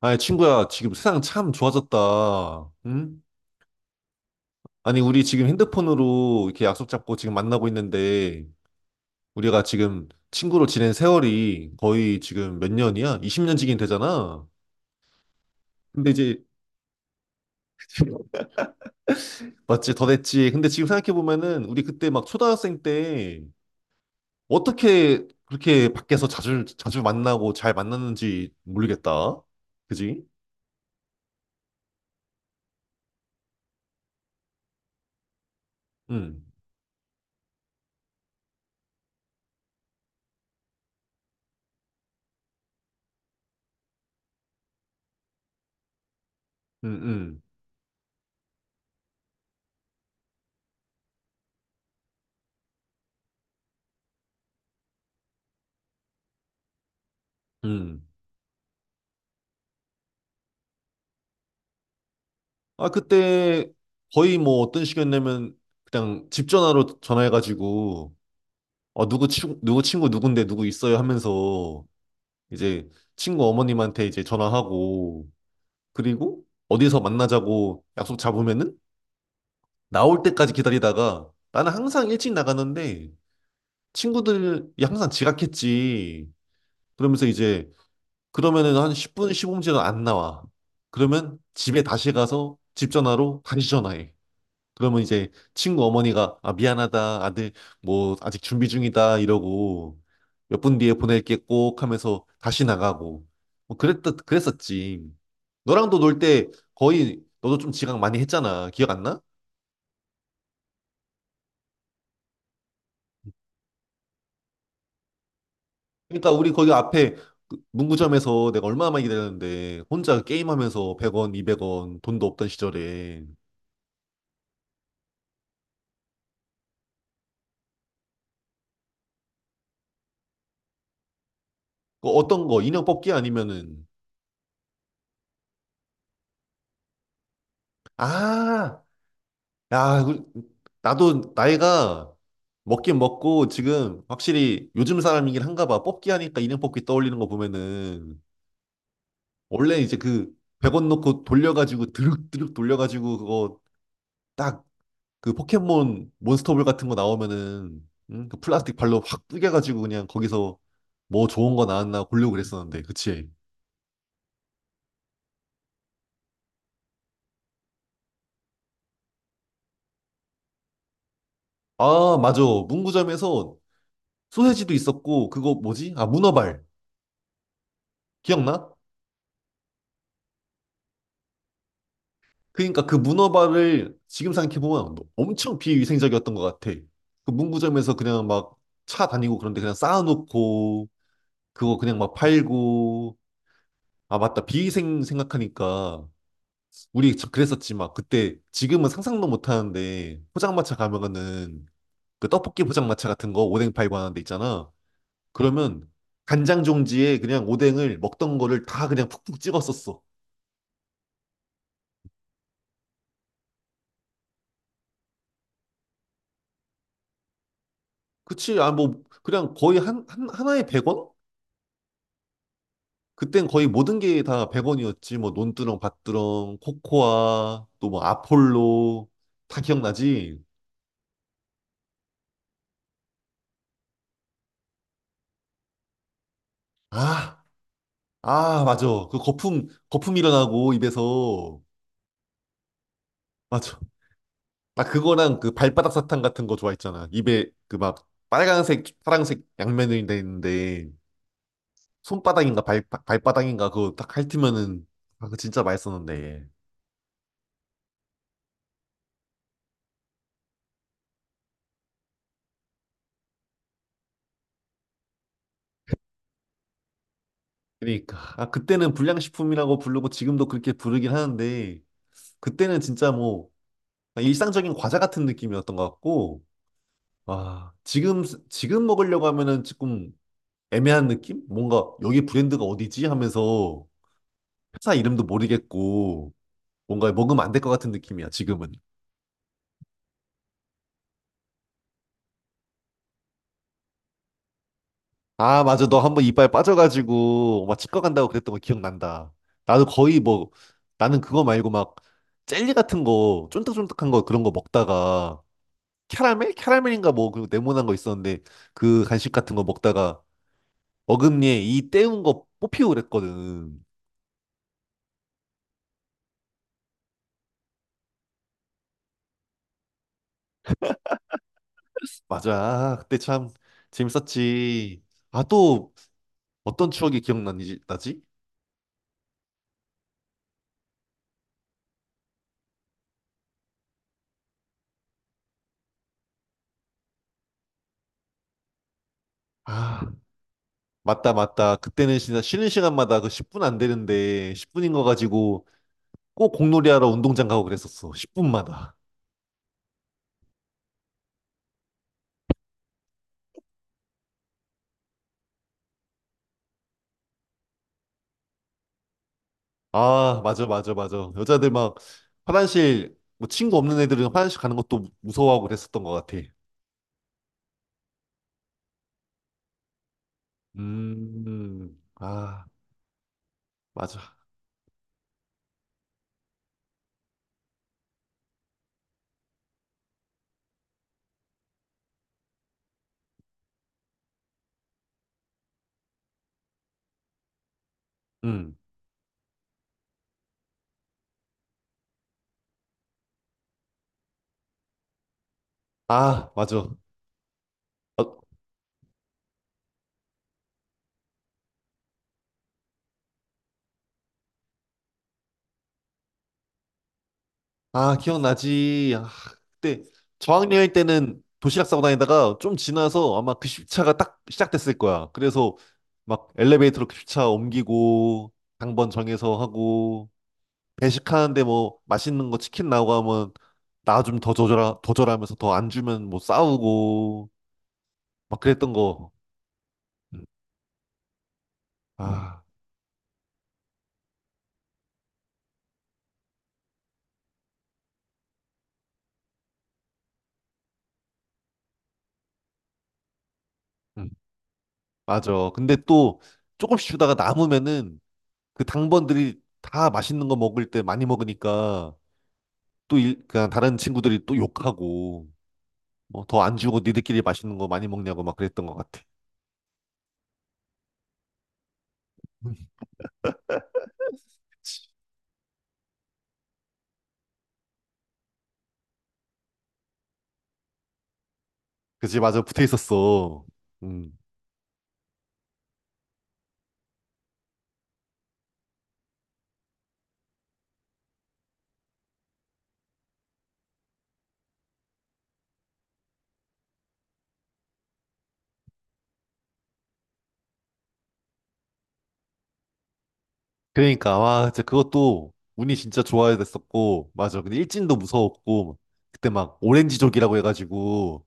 아니, 친구야, 지금 세상 참 좋아졌다. 응? 아니, 우리 지금 핸드폰으로 이렇게 약속 잡고 지금 만나고 있는데, 우리가 지금 친구로 지낸 세월이 거의 지금 몇 년이야? 20년 지긴 되잖아. 근데 이제, 맞지? 더 됐지. 근데 지금 생각해보면은, 우리 그때 막 초등학생 때, 어떻게 그렇게 밖에서 자주 만나고 잘 만났는지 모르겠다. 그지? 응, 응, 응, 응. 아, 그때 거의 뭐 어떤 시이었냐면 그냥 집 전화로 전화해가지고 어, 누구 친구 누군데 누구 있어요 하면서 이제 친구 어머님한테 이제 전화하고 그리고 어디서 만나자고 약속 잡으면은 나올 때까지 기다리다가 나는 항상 일찍 나가는데 친구들이 항상 지각했지. 그러면서 이제 그러면은 한 10분, 15분 째도안 나와. 그러면 집에 다시 가서 집 전화로 다시 전화해. 그러면 이제 친구 어머니가 아 미안하다 아들 뭐 아직 준비 중이다 이러고 몇 분 뒤에 보낼게 꼭 하면서 다시 나가고 뭐 그랬듯 그랬었지. 너랑도 놀 때 거의 너도 좀 지각 많이 했잖아. 기억 안 나? 그러니까 우리 거기 앞에 그 문구점에서 내가 얼마나 많이 기다렸는데 혼자 게임하면서 100원, 200원 돈도 없던 시절에 그 어떤 거 인형 뽑기 아니면은 아 야, 그- 나도 나이가 먹긴 먹고 지금 확실히 요즘 사람이긴 한가 봐. 뽑기 하니까 인형 뽑기 떠올리는 거 보면은 원래 이제 그 100원 넣고 돌려가지고 드륵드륵 돌려가지고 그거 딱 그 포켓몬 몬스터볼 같은 거 나오면은 응? 그 플라스틱 발로 확 뿌겨가지고 그냥 거기서 뭐 좋은 거 나왔나 고르고 그랬었는데 그치? 아 맞아 문구점에서 소세지도 있었고 그거 뭐지? 아 문어발 기억나? 그러니까 그 문어발을 지금 생각해보면 엄청 비위생적이었던 것 같아. 그 문구점에서 그냥 막 차 다니고 그런데 그냥 쌓아놓고 그거 그냥 막 팔고 아 맞다 비위생 생각하니까 우리 그랬었지 막 그때 지금은 상상도 못하는데 포장마차 가면은 그 떡볶이 포장마차 같은 거 오뎅 팔고 하는 데 있잖아. 그러면 간장 종지에 그냥 오뎅을 먹던 거를 다 그냥 푹푹 찍었었어. 그치? 아 뭐 그냥 거의 한 하나에 100원? 그땐 거의 모든 게 다 100원이었지. 뭐 논두렁, 밭두렁, 코코아, 또 뭐 아폴로 다 기억나지? 아, 맞아. 그 거품 거품 일어나고 입에서 맞아. 나 그거랑 그 발바닥 사탕 같은 거 좋아했잖아. 입에 그 막 빨간색, 파란색 양면이 돼 있는데 손바닥인가 발 발바닥인가 그거 딱 핥으면은 아, 그거 진짜 맛있었는데. 그러니까 아 그때는 불량식품이라고 부르고 지금도 그렇게 부르긴 하는데 그때는 진짜 뭐 그냥 일상적인 과자 같은 느낌이었던 것 같고, 아, 지금 먹으려고 하면은 조금 애매한 느낌? 뭔가 여기 브랜드가 어디지? 하면서 회사 이름도 모르겠고, 뭔가 먹으면 안 될 것 같은 느낌이야, 지금은. 아, 맞아. 너 한번 이빨 빠져가지고 막 치과 간다고 그랬던 거 기억난다. 나도 거의 뭐, 나는 그거 말고 막 젤리 같은 거, 쫀득쫀득한 거 그런 거 먹다가 캐러멜? 캐러멜인가 뭐, 그 네모난 거 있었는데 그 간식 같은 거 먹다가 어금니에 이 때운 거 뽑히고 그랬거든. 맞아. 그때 참 재밌었지. 아, 또 어떤 추억이 기억나지? 나지? 아, 맞다, 맞다. 그때는 진짜 쉬는 시간마다 그 10분 안 되는데 10분인 거 가지고 꼭 공놀이하러 운동장 가고 그랬었어. 10분마다. 아, 맞아, 맞아, 맞아. 여자들 막 화장실, 뭐 친구 없는 애들은 화장실 가는 것도 무서워하고 그랬었던 것 같아. 아, 맞아. 음, 아, 맞아. 아, 기억나지. 아, 그때 저학년일 때는 도시락 싸고 다니다가 좀 지나서 아마 급식차가 딱 시작됐을 거야. 그래서 막 엘리베이터로 급식차 옮기고 당번 정해서 하고 배식하는데 뭐 맛있는 거 치킨 나오고 하면 나 좀 더 줘라 더 줘라 하면서 더 안 주면 뭐 싸우고 막 그랬던 거. 음. 아, 음. 맞아. 근데 또 조금씩 주다가 남으면은 그 당번들이 다 맛있는 거 먹을 때 많이 먹으니까 또 그냥 다른 친구들이 또 욕하고 뭐 더 안 주고 니들끼리 맛있는 거 많이 먹냐고 막 그랬던 것 같아. 그치, 맞아. 붙어 있었어. 음. 그러니까 와, 진짜 그것도 운이 진짜 좋아야 됐었고 맞아. 근데 일진도 무서웠고 그때 막 오렌지족이라고 해가지고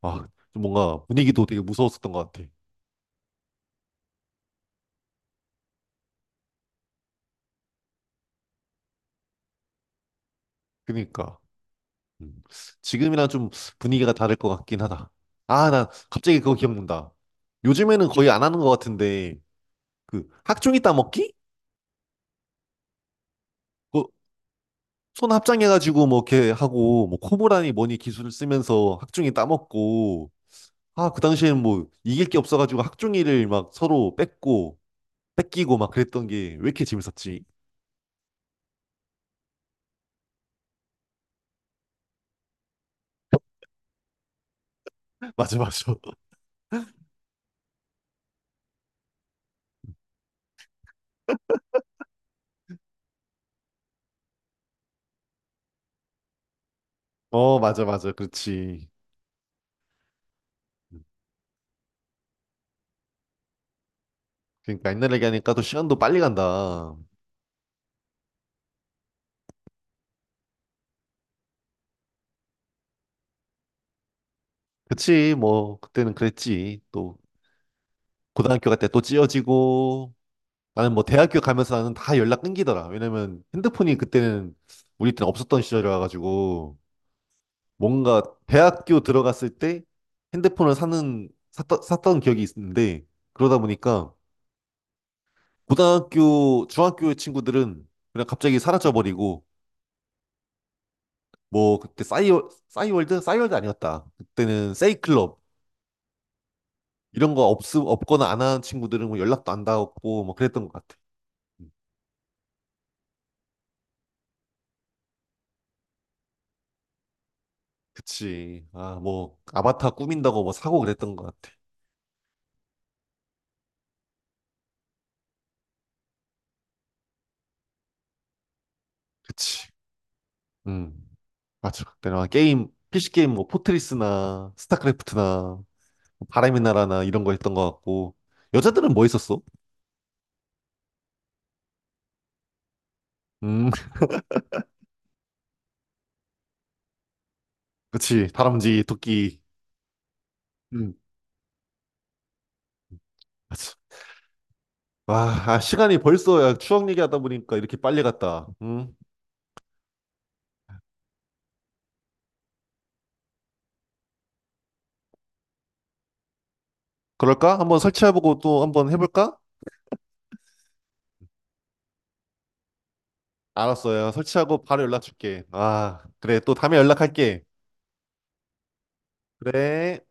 와, 좀 뭔가 분위기도 되게 무서웠었던 것 같아. 그러니까 음. 지금이랑 좀 분위기가 다를 것 같긴 하다. 아, 나 갑자기 그거 기억난다. 요즘에는 거의 안 하는 것 같은데 그 학종이 따먹기? 그, 손 합장해가지고 뭐 이렇게 하고 뭐 코보라니 뭐니 기술을 쓰면서 학중이 따먹고 아 그 당시에는 뭐 이길 게 없어가지고 학중이를 막 서로 뺏고 뺏기고 막 그랬던 게 왜 이렇게 재밌었지? 맞아. 어 맞아. 그렇지. 그러니까 옛날 얘기하니까 또 시간도 빨리 간다. 그치, 뭐 그때는 그랬지. 또 고등학교 갈 때 또 찢어지고 나는 뭐 대학교 가면서 나는 다 연락 끊기더라. 왜냐면 핸드폰이 그때는 우리 때는 없었던 시절이라 가지고 뭔가 대학교 들어갔을 때 핸드폰을 샀던 기억이 있는데 그러다 보니까 고등학교 중학교 친구들은 그냥 갑자기 사라져 버리고 뭐 그때 싸이월드 아니었다. 그때는 세이클럽. 이런 거 없 없거나 안 하는 친구들은 뭐 연락도 안 닿았고 뭐 그랬던 것 같아. 음, 그치. 아 뭐 아바타 꾸민다고 뭐 사고 그랬던 것 같아. 그치. 음, 맞아. 그때는 막 게임 PC 게임 뭐 포트리스나 스타크래프트나 바람의 나라나 이런 거 했던 것 같고 여자들은 뭐 있었어? 음 그치, 다람쥐 토끼. 음, 맞아. 와 아, 시간이 벌써. 야, 추억 얘기하다 보니까 이렇게 빨리 갔다. 음. 그럴까? 한번 설치해보고 또 한번 해볼까? 알았어. 야, 설치하고 바로 연락 줄게. 아, 그래, 또 다음에 연락할게. 그래.